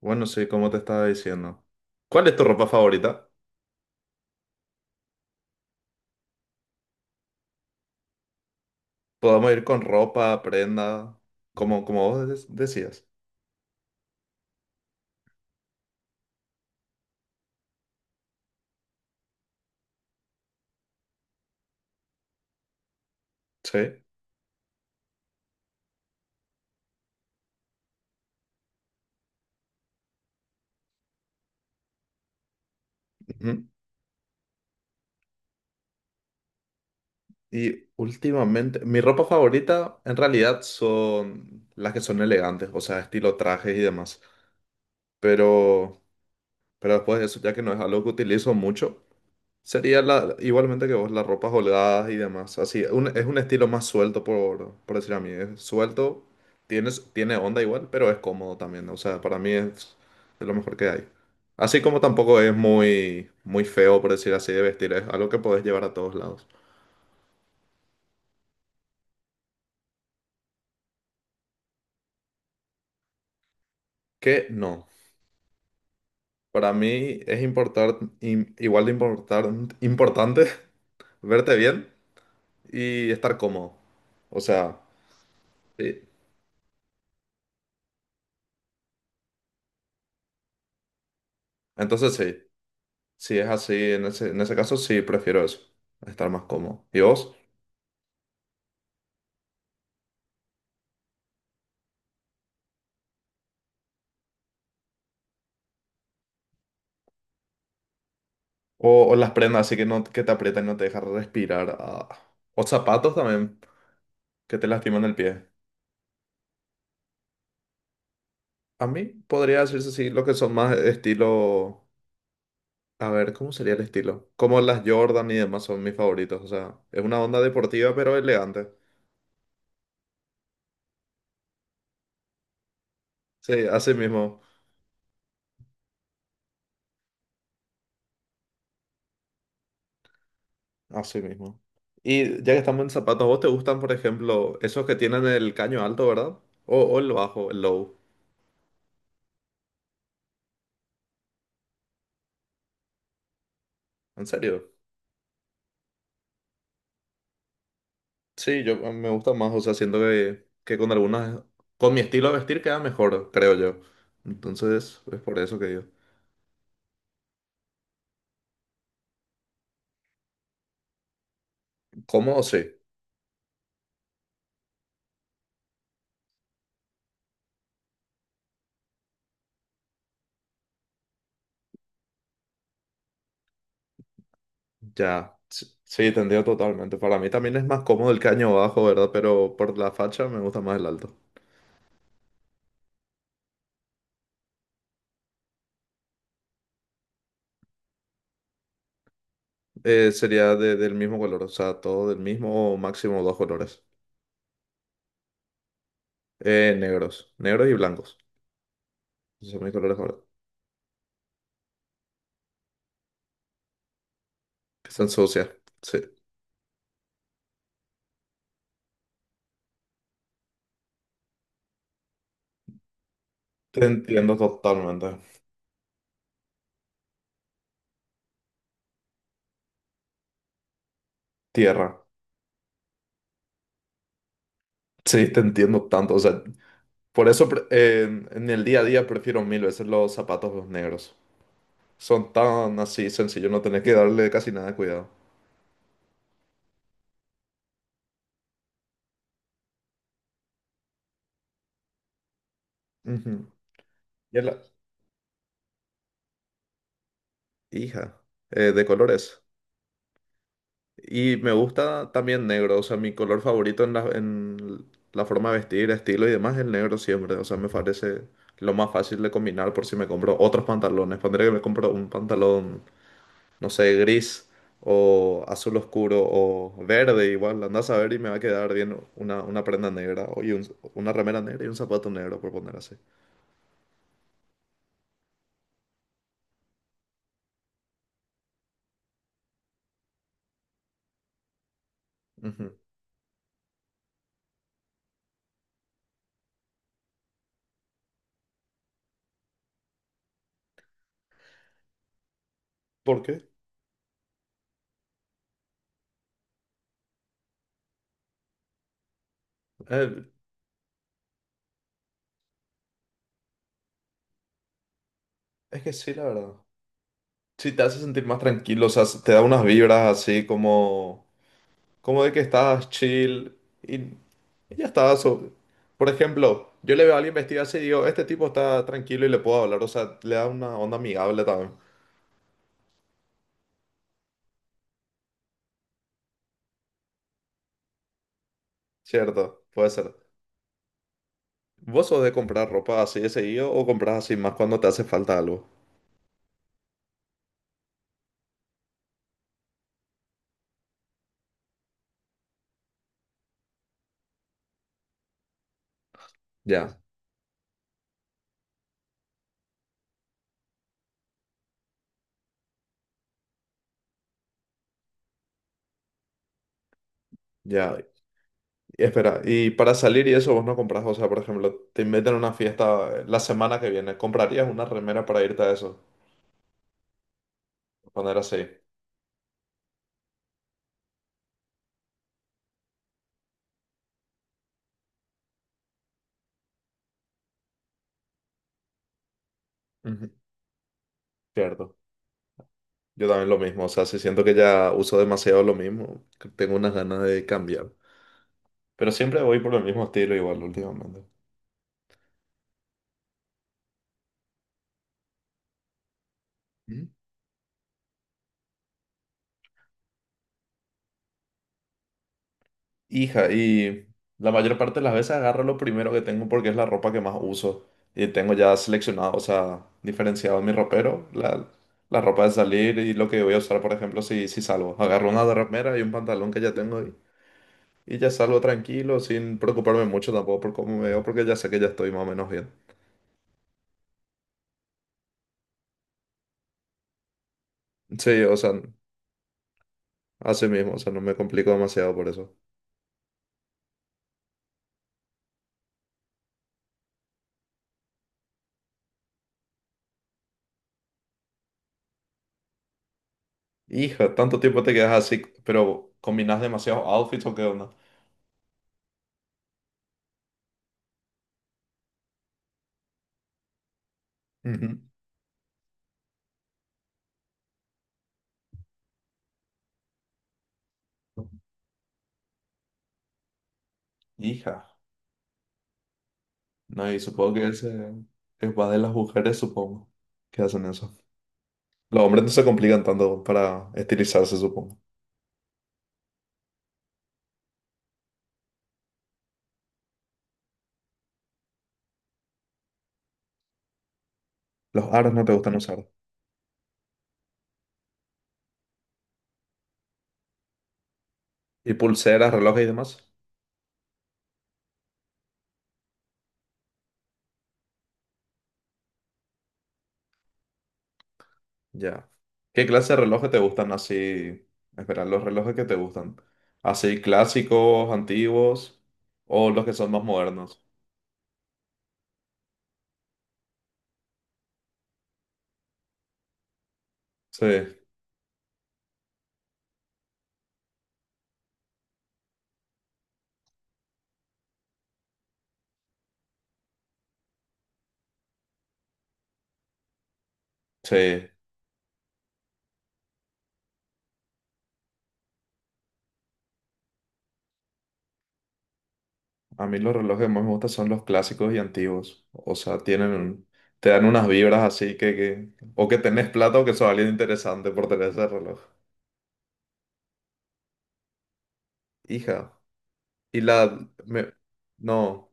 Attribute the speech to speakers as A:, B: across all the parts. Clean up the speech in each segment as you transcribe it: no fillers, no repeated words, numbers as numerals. A: Bueno, sí, como te estaba diciendo. ¿Cuál es tu ropa favorita? Podemos ir con ropa, prenda, como vos decías. Sí. Ujú. Y últimamente, mi ropa favorita en realidad son las que son elegantes, o sea, estilo trajes y demás. Pero, pero después de eso, ya que no es algo que utilizo mucho. Sería la, igualmente que vos, las ropas holgadas y demás. Así, es un estilo más suelto, por decir a mí. Es suelto, tiene onda igual, pero es cómodo también. O sea, para mí es lo mejor que hay. Así como tampoco es muy, muy feo, por decir así, de vestir. Es algo que podés llevar a todos lados. Que no. Para mí es importar, igual de importar, importante verte bien y estar cómodo. O sea, sí. Entonces sí. Si es así, en ese caso sí prefiero eso, estar más cómodo. ¿Y vos? O las prendas así que, no, que te aprietan y no te dejan respirar. Ah. O zapatos también, que te lastiman el pie. A mí podría decirse así, lo que son más estilo... A ver, ¿cómo sería el estilo? Como las Jordan y demás son mis favoritos. O sea, es una onda deportiva pero elegante. Sí, así mismo, así mismo. Y ya que estamos en zapatos, ¿vos te gustan, por ejemplo, esos que tienen el caño alto, verdad? O el bajo, el low. ¿En serio? Sí, yo me gusta más, o sea, siento que con algunas, con mi estilo de vestir queda mejor, creo yo. Entonces, es por eso que digo. Cómodo, sí, ya, sí, sí, te entiendo totalmente. Para mí también es más cómodo el caño bajo, ¿verdad? Pero por la facha me gusta más el alto. Sería del mismo color, o sea, todo del mismo o máximo dos colores. Negros, negros y blancos. Esos son mis colores favoritos. Que se ensucia, sí. Te entiendo totalmente. Tierra. Sí, te entiendo tanto. O sea, por eso en el día a día prefiero mil veces los zapatos negros. Son tan así sencillos, no tenés que darle casi nada de cuidado. Ujú. Y a la hija, de colores. Y me gusta también negro, o sea, mi color favorito en la, forma de vestir, estilo y demás es el negro siempre. O sea, me parece lo más fácil de combinar por si me compro otros pantalones. Pondré que me compro un pantalón no sé, gris o azul oscuro o verde igual, andás a ver y me va a quedar bien una prenda negra y una remera negra y un zapato negro, por poner así. Ujú. ¿Por qué? Eh, es que sí, la verdad. Sí, te hace sentir más tranquilo, o sea, te da unas vibras así como de que estás chill y ya está. Por ejemplo, yo le veo a alguien vestido así y digo, este tipo está tranquilo y le puedo hablar, o sea, le da una onda amigable también, ¿cierto? Puede ser. ¿Vos sos de comprar ropa así de seguido o compras así más cuando te hace falta algo? Ya, ya. Y espera, y para salir y eso vos no compras, o sea, por ejemplo, te invitan a una fiesta la semana que viene, ¿comprarías una remera para irte a eso? Cuando era así. Ujú. Cierto. Yo también lo mismo, o sea, si siento que ya uso demasiado lo mismo, que tengo unas ganas de cambiar. Pero siempre voy por el mismo estilo igual últimamente. Hija, y la mayor parte de las veces agarro lo primero que tengo porque es la ropa que más uso. Y tengo ya seleccionado, o sea, diferenciado en mi ropero, la ropa de salir y lo que voy a usar, por ejemplo, si salgo. Agarro una remera y un pantalón que ya tengo y ya salgo tranquilo, sin preocuparme mucho tampoco por cómo me veo, porque ya sé que ya estoy más o menos bien. Sí, o sea, así mismo, o sea, no me complico demasiado por eso. Hija, tanto tiempo te quedas así, pero combinas demasiados outfits o qué onda. Ujú. Hija. No, y supongo que ese es más de las mujeres, supongo, que hacen eso. Los hombres no se complican tanto para estilizarse, supongo. Los aros no te gustan usar. ¿Y pulseras, relojes y demás? Ya. ¿Qué clase de relojes te gustan así? Espera, los relojes que te gustan. ¿Así clásicos, antiguos o los que son más modernos? Sí, sí. A mí los relojes que más me gustan son los clásicos y antiguos. O sea, tienen, te dan unas vibras así que, o que tenés plata o que sos alguien interesante por tener ese reloj. Hija. Y la, no,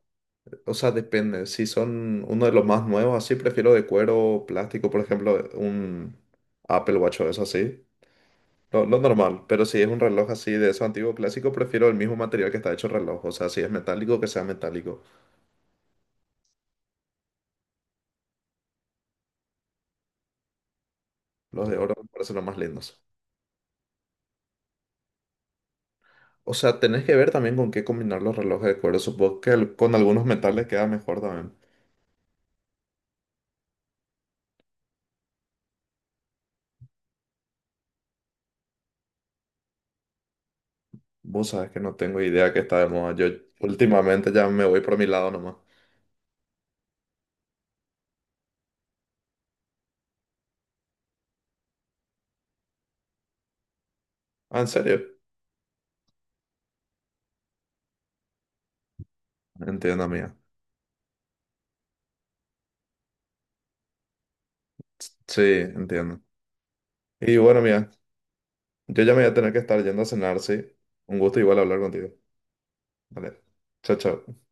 A: o sea, depende. Si son uno de los más nuevos, así prefiero de cuero, plástico, por ejemplo, un Apple Watch o eso así. Lo normal. Pero si es un reloj así de esos antiguos clásicos, prefiero el mismo material que está hecho el reloj. O sea, si es metálico, que sea metálico. Los de oro me parecen los más lindos. O sea, tenés que ver también con qué combinar los relojes de cuero. Supongo que con algunos metales queda mejor también. Vos sabés que no tengo idea que está de moda. Yo últimamente ya me voy por mi lado nomás. Ah, ¿en serio? Entiendo, amiga. Sí, entiendo. Y bueno, mía, yo ya me voy a tener que estar yendo a cenar, sí. Un gusto igual hablar contigo. Vale. Chao, chao.